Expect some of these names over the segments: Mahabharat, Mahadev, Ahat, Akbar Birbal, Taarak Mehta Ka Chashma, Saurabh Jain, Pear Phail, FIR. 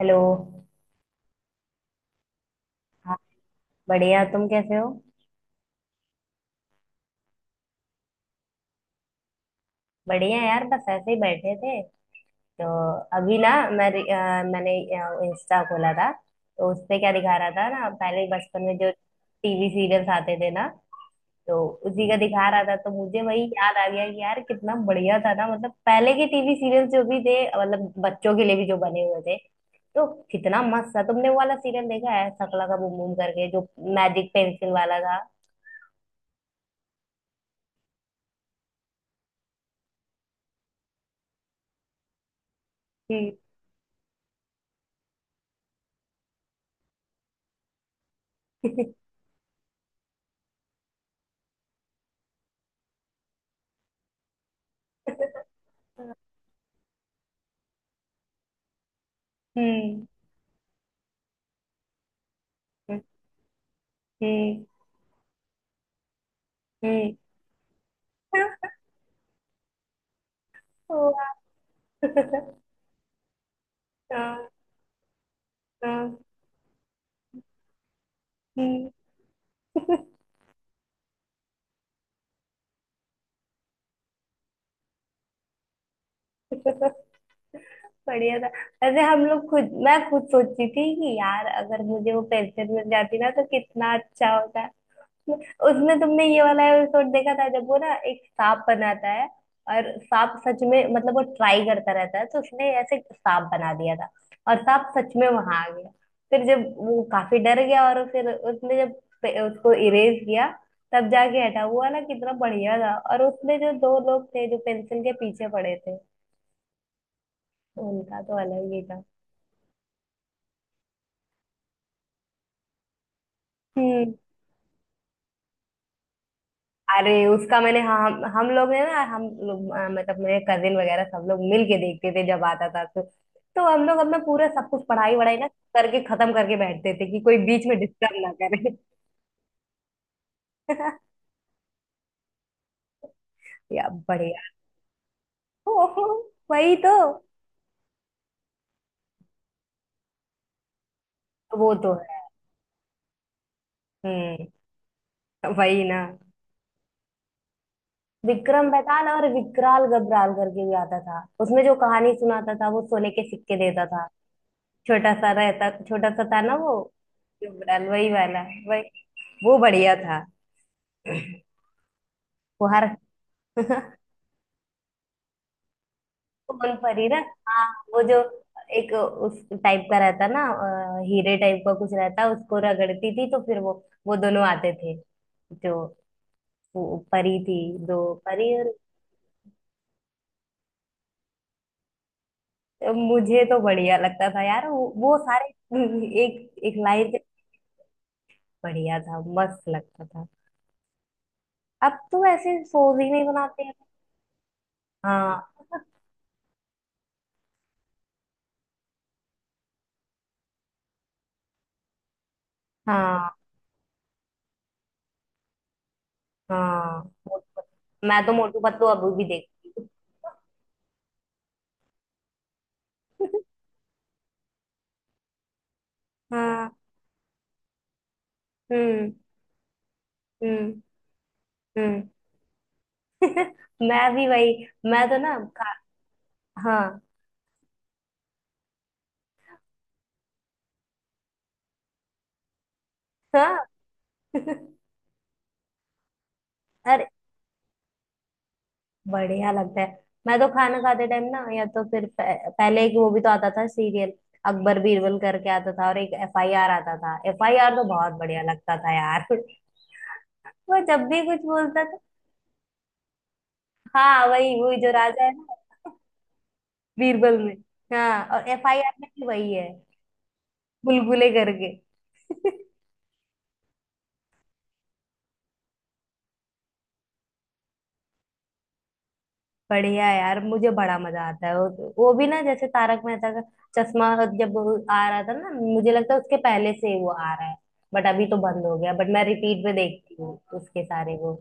Hello. हाँ। बढ़िया, तुम कैसे हो? बढ़िया यार, बस ऐसे ही बैठे थे। तो अभी ना, मैंने इंस्टा खोला था। तो उस पे क्या दिखा रहा था ना, पहले बचपन में जो टीवी सीरियल्स आते थे ना, तो उसी का दिखा रहा था। तो मुझे वही याद आ गया कि यार, कितना बढ़िया था ना, मतलब पहले के टीवी सीरियल्स जो भी थे, मतलब बच्चों के लिए भी जो बने हुए थे, तो कितना मस्त था। तुमने वो वाला सीरियल देखा है, शकला का बूम बूम करके, जो मैजिक पेंसिल वाला था? हम्म। हम्म। हम्म। हम्म। हाँ, हाँ, हम्म। बढ़िया था। वैसे हम लोग खुद मैं खुद सोचती थी कि यार, अगर मुझे वो पेंशन मिल जाती ना, तो कितना अच्छा होता। उसमें तुमने ये वाला एपिसोड देखा था, जब वो ना एक सांप बनाता है, और सांप सच में, मतलब वो ट्राई करता रहता है, तो उसने ऐसे सांप बना दिया था, और सांप सच में वहां आ गया। फिर जब वो काफी डर गया, और फिर उसने जब उसको इरेज किया, तब जाके हटा वो वाला। कितना बढ़िया था, और उसमें जो दो लोग थे जो पेंसिल के पीछे पड़े थे, उनका तो अलग ही था। हम्म। अरे, उसका मैंने, हाँ, हम लोग ने ना, हम लोग मतलब मेरे कजिन वगैरह सब लोग मिल के देखते थे जब आता था। तो हम लोग अपना पूरा सब कुछ पढ़ाई वढ़ाई ना करके, खत्म करके बैठते थे कि कोई बीच में डिस्टर्ब ना करे। या, बढ़िया। ओहो, वही तो। वो तो है। हम्म। वही ना। विक्रम बेताल, और विकराल गब्राल करके भी आता था, उसमें जो कहानी सुनाता था वो सोने के सिक्के देता था। छोटा सा रहता, छोटा सा था ना वो, गब्राल वही वाला। वही। वो बढ़िया था। वो हर... सोन परी ना। हाँ। वो जो, एक उस टाइप का रहता ना, हीरे टाइप का कुछ रहता, उसको रगड़ती थी तो फिर वो दोनों आते थे, जो, वो परी थी, दो परी। और मुझे तो बढ़िया लगता था यार, वो सारे। एक एक लाइन से बढ़िया था, मस्त लगता था। अब तो ऐसे शोज ही नहीं बनाते हैं। हाँ, हाँ, हाँ। मोटू पतलू। मैं तो मोटू पतलू अभी भी देखती हूँ। हाँ। हम्म। हम्म। हम्म। मैं भी वही, मैं तो ना खा... हाँ। हाँ। अरे, बढ़िया लगता है। मैं तो खाना खाते टाइम ना, या तो फिर पहले, एक वो भी तो आता था सीरियल, अकबर बीरबल करके आता था, और एक एफआईआर आता था। एफआईआर तो बहुत बढ़िया लगता था यार। वो जब भी कुछ बोलता था। हाँ, वही वही जो राजा है ना, बीरबल में। हाँ, और एफआईआर में भी वही है, बुलबुले करके। बढ़िया है यार, मुझे बड़ा मजा आता है। वो भी ना, जैसे तारक मेहता का चश्मा जब आ रहा था ना, मुझे लगता है उसके पहले से ही वो आ रहा है, बट अभी तो बंद हो गया। बट मैं रिपीट पे देखती हूँ उसके सारे वो।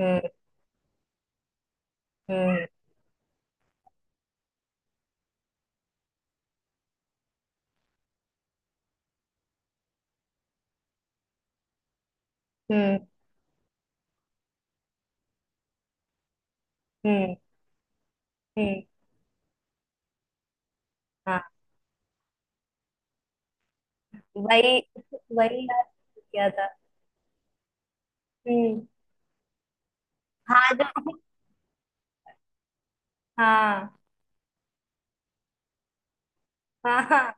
हम्म। हम्म। हम्म। हम्म। हम्म। हाँ, वही वही यार। क्या था? हम्म। हाँ, जो... हाँ, हाँ, हाँ।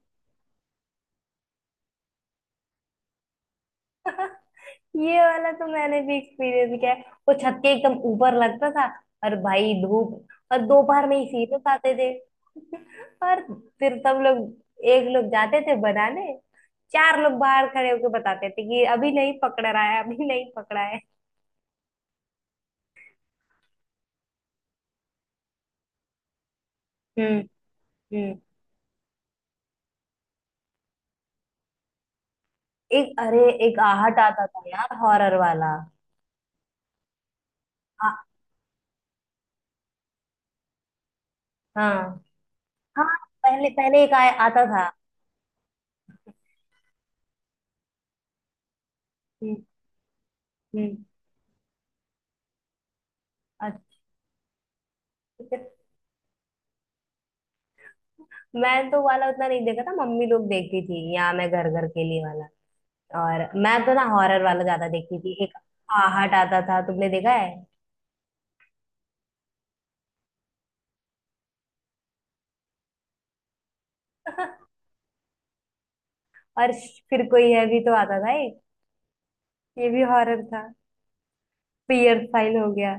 ये वाला तो मैंने भी एक्सपीरियंस किया है। वो छत के एकदम ऊपर लगता था, और भाई धूप और दोपहर में ही सीरियस आते थे। और फिर सब लोग, एक लोग जाते थे बनाने, चार लोग बाहर खड़े होकर बताते थे कि अभी नहीं पकड़ रहा है, अभी नहीं पकड़ा है। हम्म। हम्म। एक अरे एक आहट आता था यार, हॉरर वाला। आ, हाँ, हाँ। पहले पहले एक आया आता था। हम्म। हम्म। अच्छा। मैं तो वाला उतना नहीं देखा था, मम्मी लोग देखती थी, यहाँ मैं घर घर के लिए वाला। और मैं तो ना हॉरर वाला ज्यादा देखती थी। एक आहट आता था, तुमने देखा है? और फिर कोई है भी तो आता था, एक ये भी हॉरर था, पियर फाइल हो गया।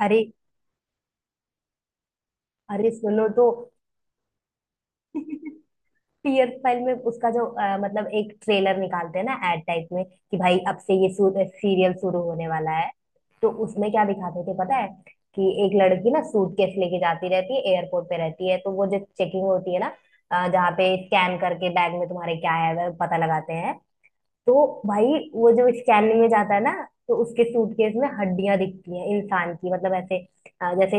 अरे, अरे सुनो तो, पियर फाइल में उसका जो मतलब एक ट्रेलर निकालते हैं ना, एड टाइप में, कि भाई अब से ये सीरियल शुरू होने वाला है, तो उसमें क्या दिखाते थे पता है? कि एक लड़की ना सूटकेस लेके जाती रहती है, एयरपोर्ट पे रहती है, तो वो जो चेकिंग होती है ना, जहाँ पे स्कैन करके बैग में तुम्हारे क्या है अगर पता लगाते हैं, तो भाई वो जो स्कैनिंग में जाता है ना, तो उसके सूटकेस में हड्डियां दिखती हैं, इंसान की, मतलब ऐसे जैसे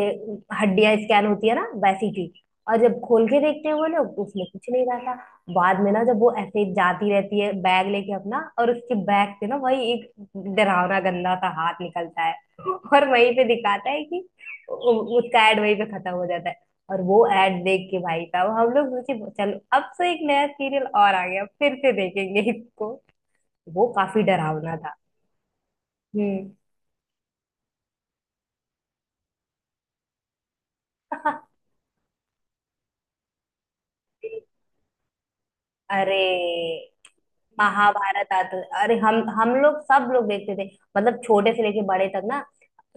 हड्डियां स्कैन होती है ना वैसी की। और जब खोल के देखते हैं वो लोग, तो उसमें कुछ नहीं रहता। बाद में ना जब वो ऐसे जाती रहती है बैग लेके अपना, और उसके बैग से ना वही एक डरावना गंदा सा हाथ निकलता है, और वहीं पे दिखाता है कि उसका एड वहीं पे खत्म हो जाता है। और वो एड देख के भाई साहब, हम लोग सोचे चलो अब से एक नया सीरियल और आ गया, फिर से देखेंगे इसको। वो काफी डरावना था। हम्म। अरे, महाभारत आता, अरे हम लोग सब लोग देखते थे, मतलब छोटे से लेके बड़े तक ना,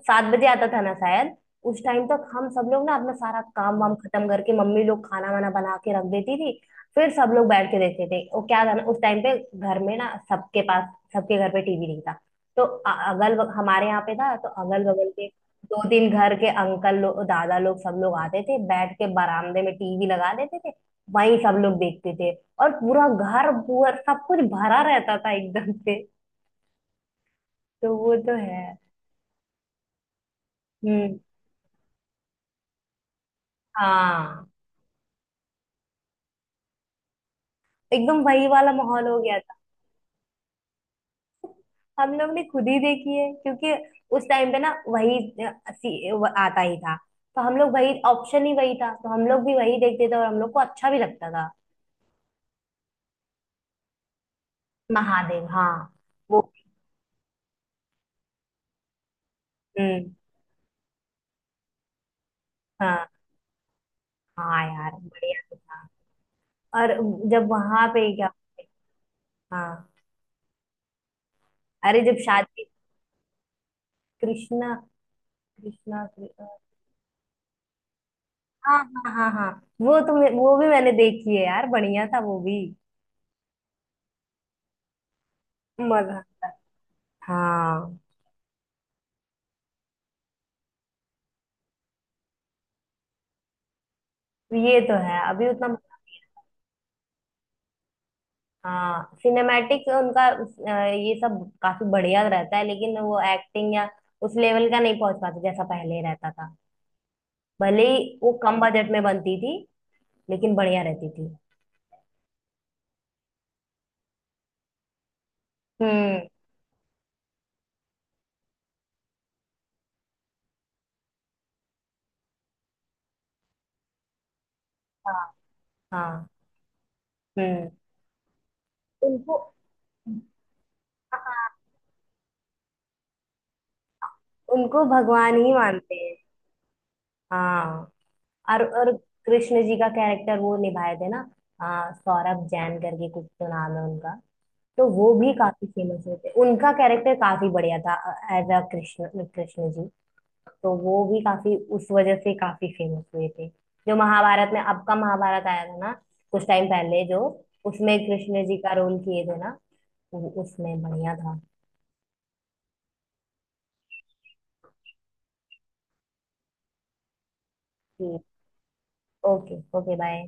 सात बजे आता था ना शायद। उस टाइम तक हम सब लोग ना अपना सारा काम वाम खत्म करके, मम्मी लोग खाना वाना बना के रख देती थी, फिर सब लोग बैठ के देखते थे। वो क्या था ना, उस टाइम पे घर में ना सबके पास, सबके घर पे टीवी नहीं था, तो हमारे यहाँ पे था, तो अगल बगल के दो तीन घर के अंकल लोग, दादा लोग, सब लोग आते थे, बैठ के बरामदे में टीवी लगा देते थे, वहीं सब लोग देखते थे। और पूरा घर पूरा सब कुछ भरा रहता था एकदम से। तो वो तो है। हम्म। हाँ, एकदम वही वाला माहौल हो गया था। हम लोग ने खुद ही देखी है, क्योंकि उस टाइम पे ना वही वो आता ही था, तो हम लोग वही, ऑप्शन ही वही था, तो हम लोग भी वही देखते थे, और हम लोग को अच्छा भी लगता था। महादेव, हाँ वो। हम्म। हाँ। हाँ यार, बढ़िया तो था। और जब वहां पे क्या, हाँ, अरे जब शादी, कृष्णा कृष्णा कृ-, हाँ, हाँ, हाँ, हाँ। वो तो वो भी मैंने देखी है यार, बढ़िया था वो भी। मजा आता है। हाँ। ये तो है। अभी उतना, हाँ, सिनेमैटिक उनका ये सब काफी बढ़िया रहता है, लेकिन वो एक्टिंग या उस लेवल का नहीं पहुंच पाता जैसा पहले रहता था। भले ही वो कम बजट में बनती थी, लेकिन बढ़िया रहती थी। हम्म। हाँ। हाँ। हम्म। उनको, हाँ, उनको भगवान ही मानते हैं। हाँ, और कृष्ण जी का कैरेक्टर वो निभाए थे ना, सौरभ जैन करके कुछ तो नाम है उनका, तो वो भी काफी फेमस हुए थे, उनका कैरेक्टर काफी बढ़िया था, एज अ कृष्ण कृष्ण जी, तो वो भी काफी उस वजह से काफी फेमस हुए थे। जो महाभारत में, अब का महाभारत आया था ना कुछ टाइम पहले जो, उसमें कृष्ण जी का रोल किए थे ना, वो उसमें बढ़िया था। कि ओके, ओके, बाय।